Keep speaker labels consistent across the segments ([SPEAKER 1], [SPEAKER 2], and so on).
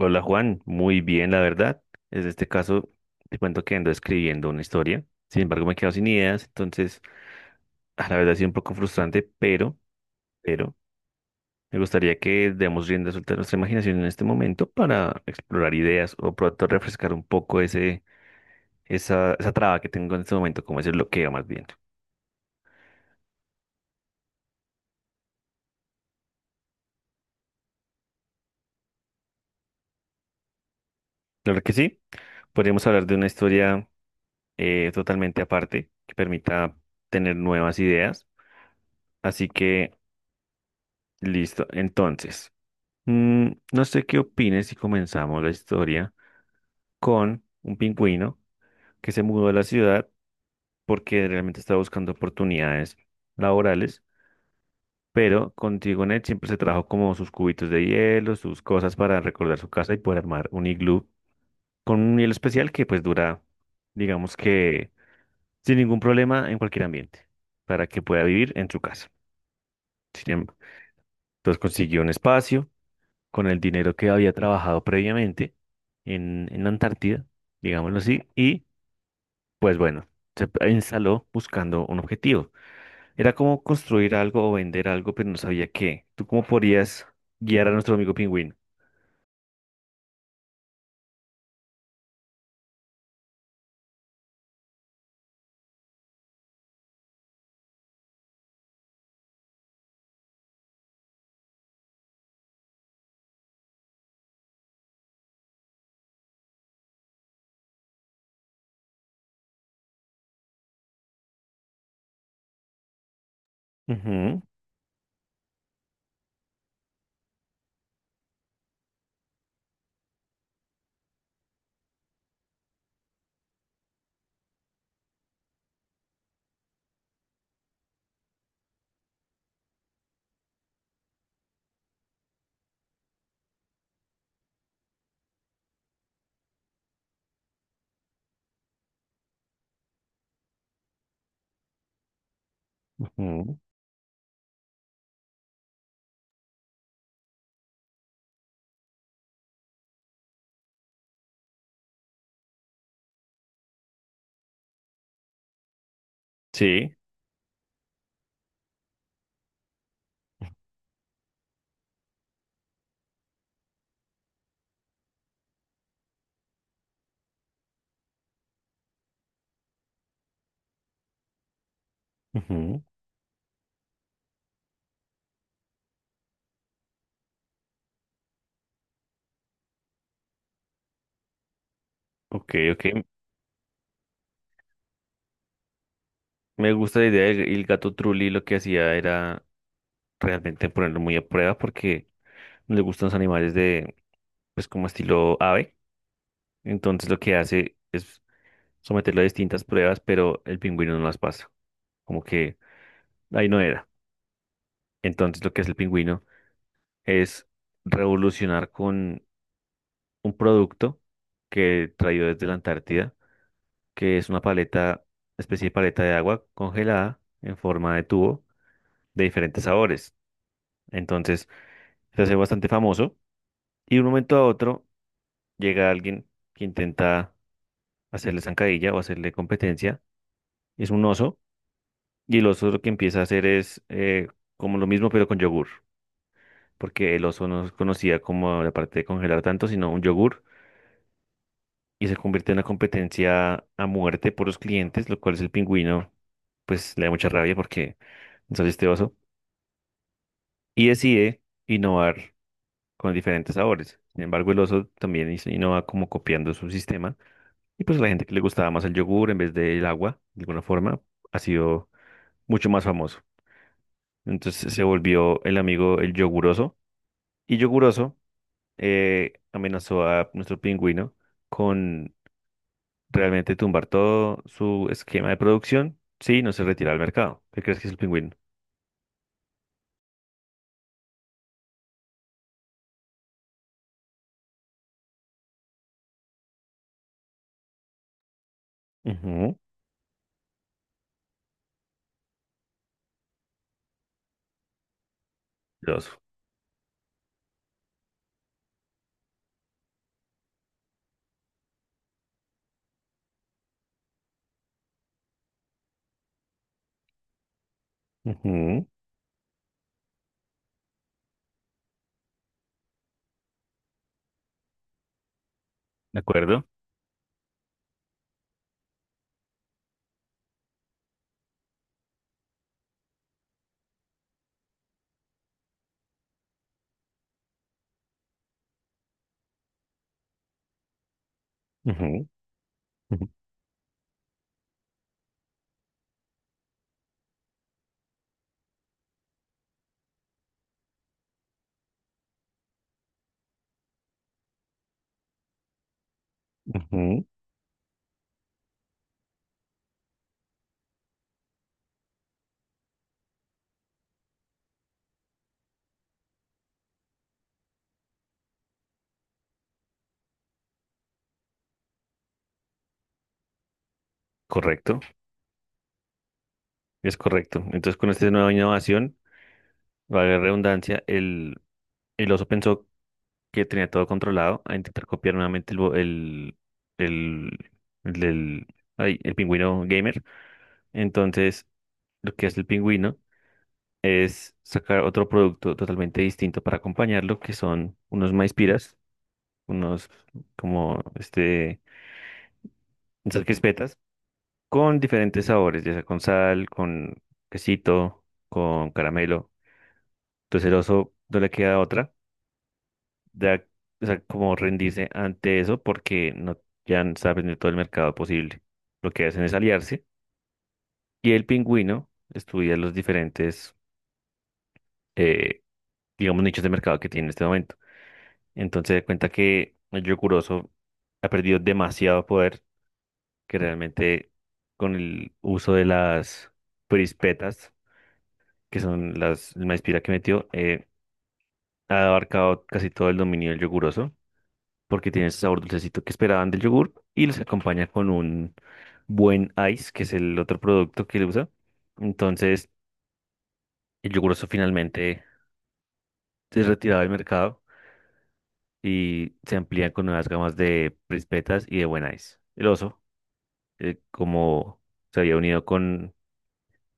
[SPEAKER 1] Hola Juan, muy bien la verdad. En este caso te cuento que ando escribiendo una historia. Sin embargo, me quedo sin ideas, entonces a la verdad ha sido un poco frustrante, pero me gustaría que demos rienda suelta a nuestra imaginación en este momento para explorar ideas o pronto refrescar un poco esa traba que tengo en este momento, como ese bloqueo más bien. Claro que sí, podríamos hablar de una historia totalmente aparte que permita tener nuevas ideas. Así que, listo. No sé qué opines si comenzamos la historia con un pingüino que se mudó a la ciudad porque realmente estaba buscando oportunidades laborales, pero con Tigonet siempre se trajo como sus cubitos de hielo, sus cosas para recordar su casa y poder armar un iglú con un hielo especial que pues dura, digamos que sin ningún problema en cualquier ambiente para que pueda vivir en su casa. Sin em- Entonces consiguió un espacio con el dinero que había trabajado previamente en la Antártida, digámoslo así, y pues bueno, instaló buscando un objetivo. Era como construir algo o vender algo, pero no sabía qué. ¿Tú cómo podrías guiar a nuestro amigo pingüino? Ujú, ujú. Sí. Ujú. Ok, ok. Me gusta la idea. El gato Trulli lo que hacía era realmente ponerlo muy a prueba porque le gustan los animales de, pues como estilo ave. Entonces lo que hace es someterlo a distintas pruebas, pero el pingüino no las pasa. Como que ahí no era. Entonces lo que hace el pingüino es revolucionar con un producto que traído desde la Antártida, que es una paleta, especie de paleta de agua congelada en forma de tubo de diferentes sabores. Entonces se hace bastante famoso y de un momento a otro llega alguien que intenta hacerle zancadilla o hacerle competencia. Es un oso y el oso lo que empieza a hacer es como lo mismo pero con yogur. Porque el oso no se conocía como la parte de congelar tanto, sino un yogur, y se convierte en una competencia a muerte por los clientes, lo cual es el pingüino, pues le da mucha rabia porque no sale este oso, y decide innovar con diferentes sabores. Sin embargo, el oso también innova como copiando su sistema, y pues a la gente que le gustaba más el yogur en vez del agua, de alguna forma, ha sido mucho más famoso. Entonces se volvió el amigo el yoguroso, y yoguroso amenazó a nuestro pingüino con realmente tumbar todo su esquema de producción si no se retira al mercado. ¿Qué crees que es el pingüino? Ujú. Los. Ujú. ¿De acuerdo? Ujú, ujú, ujú. Correcto, es correcto. Entonces, con esta nueva innovación, valga la redundancia, el oso pensó que tenía todo controlado a intentar copiar nuevamente el, bo- el, el, del- ay, el pingüino gamer. Entonces, lo que hace el pingüino es sacar otro producto totalmente distinto para acompañarlo, que son unos maizpiras, unos como este, esas crispetas, con diferentes sabores, ya sea con sal, con quesito, con caramelo. Entonces el oso no le queda otra, ya, o sea, como rendirse ante eso porque no, ya está vendiendo todo el mercado posible. Lo que hacen es aliarse y el pingüino estudia los diferentes, eh, digamos, nichos de mercado que tiene en este momento. Entonces se cuenta que el Yokuroso ha perdido demasiado poder que realmente con el uso de las prispetas, que son las el maíz pira que metió, ha abarcado casi todo el dominio del Yokuroso, porque tiene ese sabor dulcecito que esperaban del yogur y los acompaña con un buen ice, que es el otro producto que él usa. Entonces el Yokuroso finalmente se retiraba del mercado y se amplían con nuevas gamas de prispetas y de buen ice. El oso como se había unido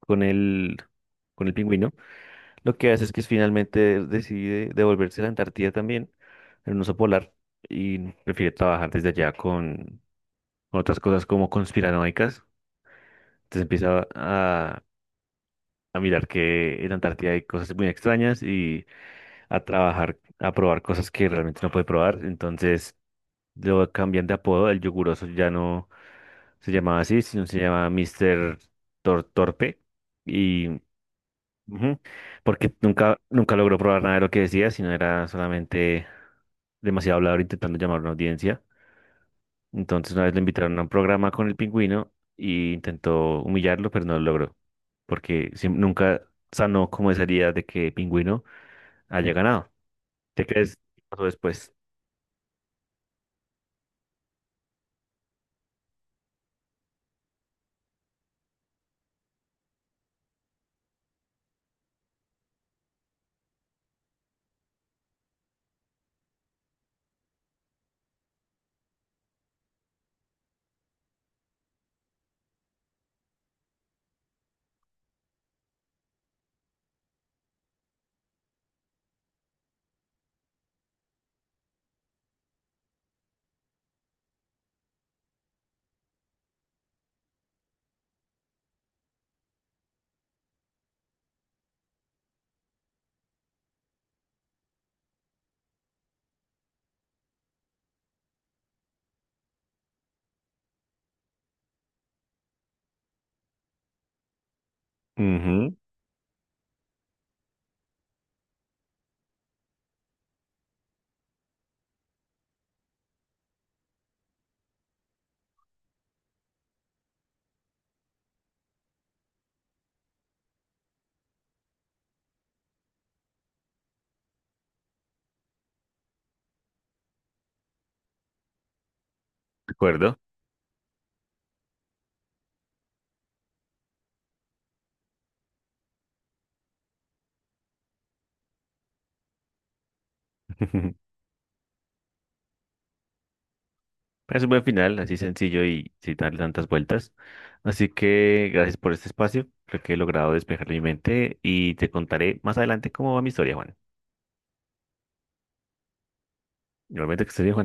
[SPEAKER 1] con el, con el pingüino, lo que hace es que finalmente decide devolverse a la Antártida también, en un oso polar, y prefiere trabajar desde allá con otras cosas como conspiranoicas. Entonces empieza a, a mirar que en Antártida hay cosas muy extrañas y a trabajar, a probar cosas que realmente no puede probar. Entonces lo cambian de apodo, el yoguroso ya no se llamaba así, sino se llama Mr. Torpe. Y ujú. Porque nunca, nunca logró probar nada de lo que decía, sino era solamente demasiado hablador intentando llamar a una audiencia. Entonces una vez lo invitaron a un programa con el pingüino y intentó humillarlo, pero no lo logró, porque nunca sanó como esa herida de que pingüino haya ganado. ¿Te crees qué pasó después? Ujú, de acuerdo. Es un buen final, así sencillo y sin darle tantas vueltas. Así que gracias por este espacio. Creo que he logrado despejar mi mente y te contaré más adelante cómo va mi historia, Juan. Normalmente que ese viejo